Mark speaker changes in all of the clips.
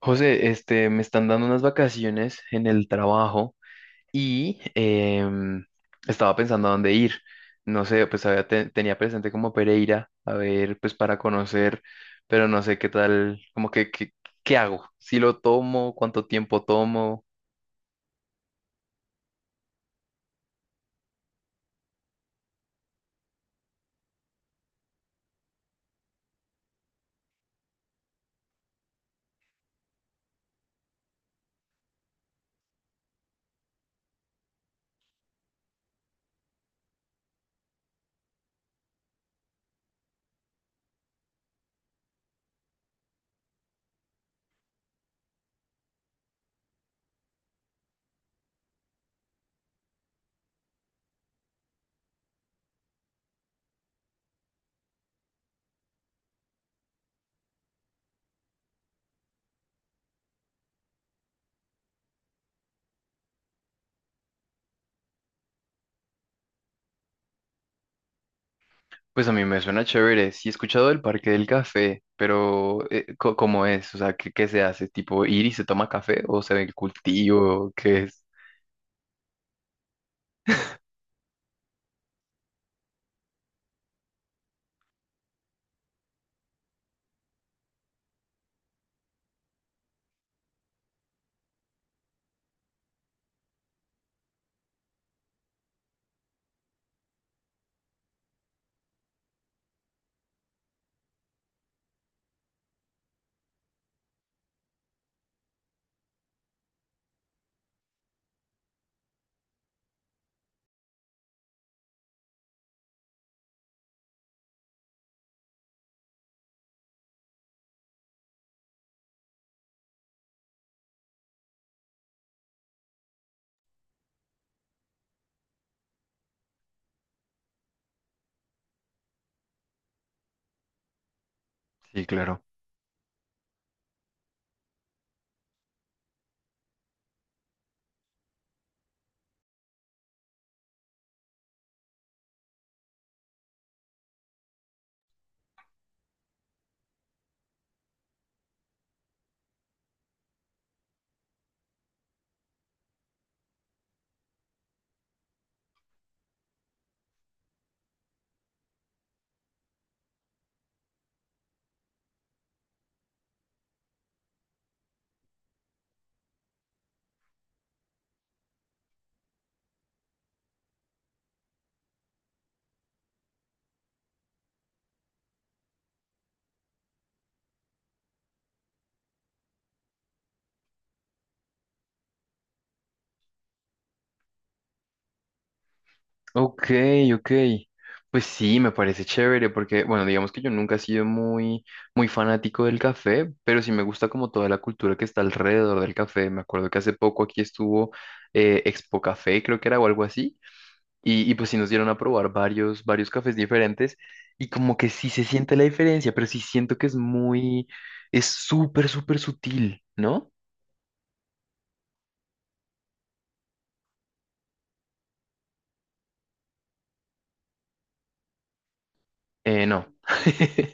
Speaker 1: José, este, me están dando unas vacaciones en el trabajo y estaba pensando a dónde ir. No sé, pues tenía presente como Pereira, a ver, pues para conocer, pero no sé qué tal, qué hago, si lo tomo, cuánto tiempo tomo. Pues a mí me suena chévere. Sí he escuchado del Parque del Café, pero ¿cómo es? O sea, ¿qué se hace? ¿Tipo ir y se toma café o se ve el cultivo? ¿Qué es? Sí, claro. Ok, ok. Pues sí, me parece chévere porque, bueno, digamos que yo nunca he sido muy fanático del café, pero sí me gusta como toda la cultura que está alrededor del café. Me acuerdo que hace poco aquí estuvo Expo Café, creo que era o algo así, y pues sí nos dieron a probar varios cafés diferentes y como que sí se siente la diferencia, pero sí siento que es es súper sutil, ¿no? No.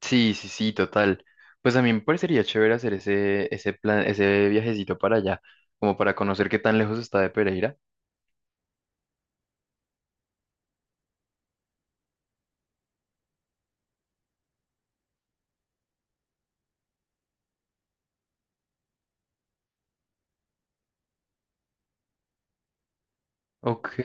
Speaker 1: Sí, sí, sí, total. Pues a mí me parecería chévere hacer ese plan, ese viajecito para allá, como para conocer qué tan lejos está de Pereira. Ok,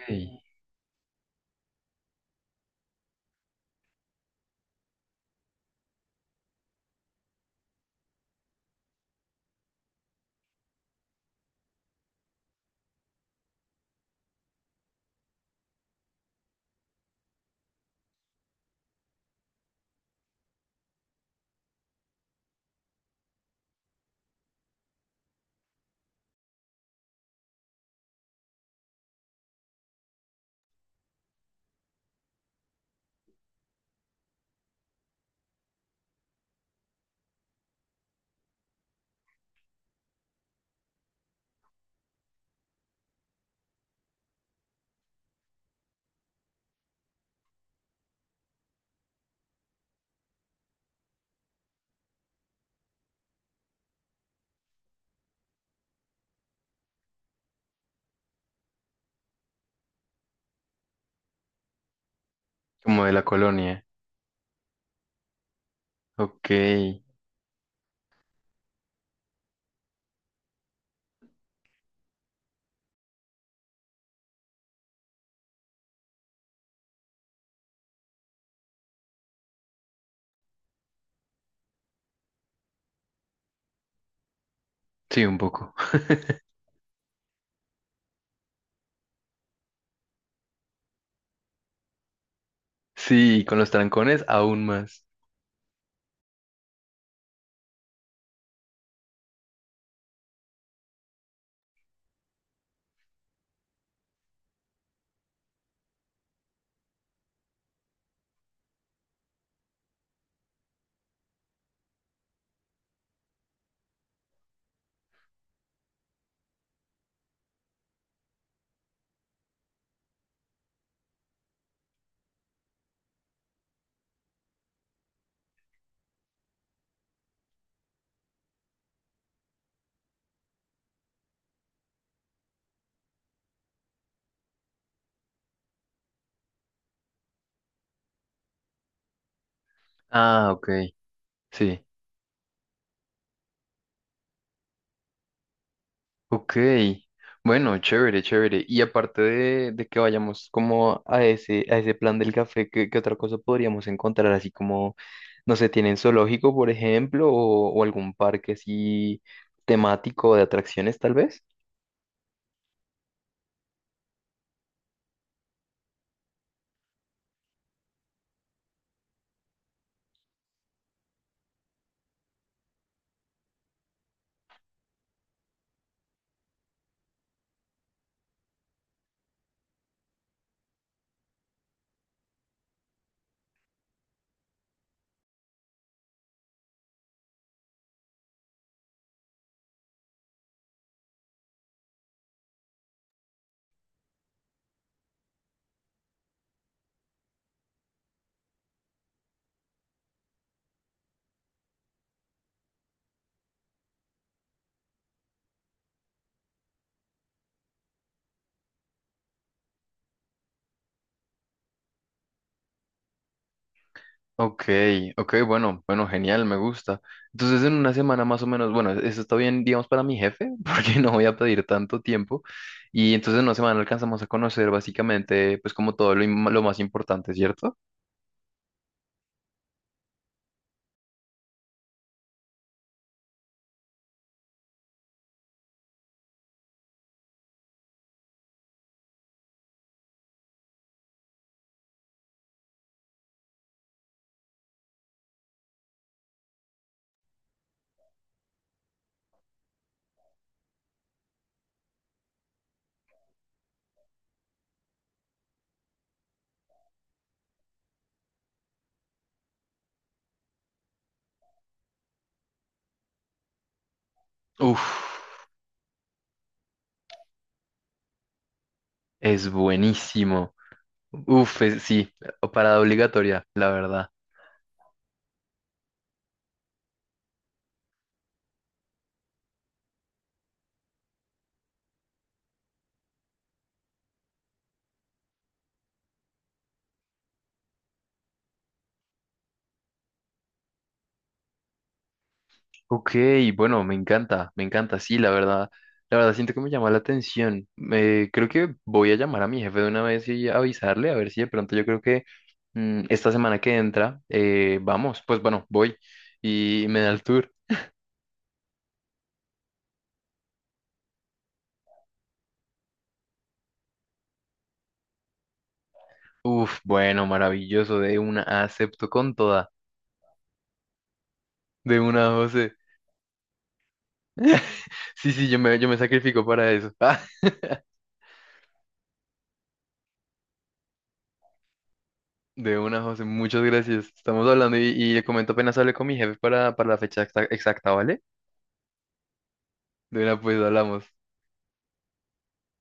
Speaker 1: como de la colonia. Ok, sí, un poco. Sí, con los trancones aún más. Ah, ok, sí. Ok, bueno, chévere, chévere. Y aparte de que vayamos como a a ese plan del café, ¿qué otra cosa podríamos encontrar? Así como, no sé, ¿tienen zoológico, por ejemplo, o algún parque así temático de atracciones, tal vez? Ok, ok, bueno, bueno, genial, me gusta. Entonces en una semana más o menos, bueno, eso está bien, digamos, para mi jefe, porque no voy a pedir tanto tiempo. Y entonces en una semana alcanzamos a conocer básicamente, pues como lo más importante, ¿cierto? Uf. Es buenísimo. Uf, sí, parada obligatoria, la verdad. Ok, bueno, me encanta, sí, la verdad. La verdad, siento que me llama la atención. Creo que voy a llamar a mi jefe de una vez y avisarle, a ver si de pronto yo creo que esta semana que entra, vamos, pues bueno, voy y me da el tour. Uf, bueno, maravilloso, de una acepto con toda, de una José. Sí, sí, yo me sacrifico para eso. De una, José, muchas gracias. Estamos hablando y le comento apenas hable con mi jefe para la fecha exacta, exacta, ¿vale? De una, pues hablamos.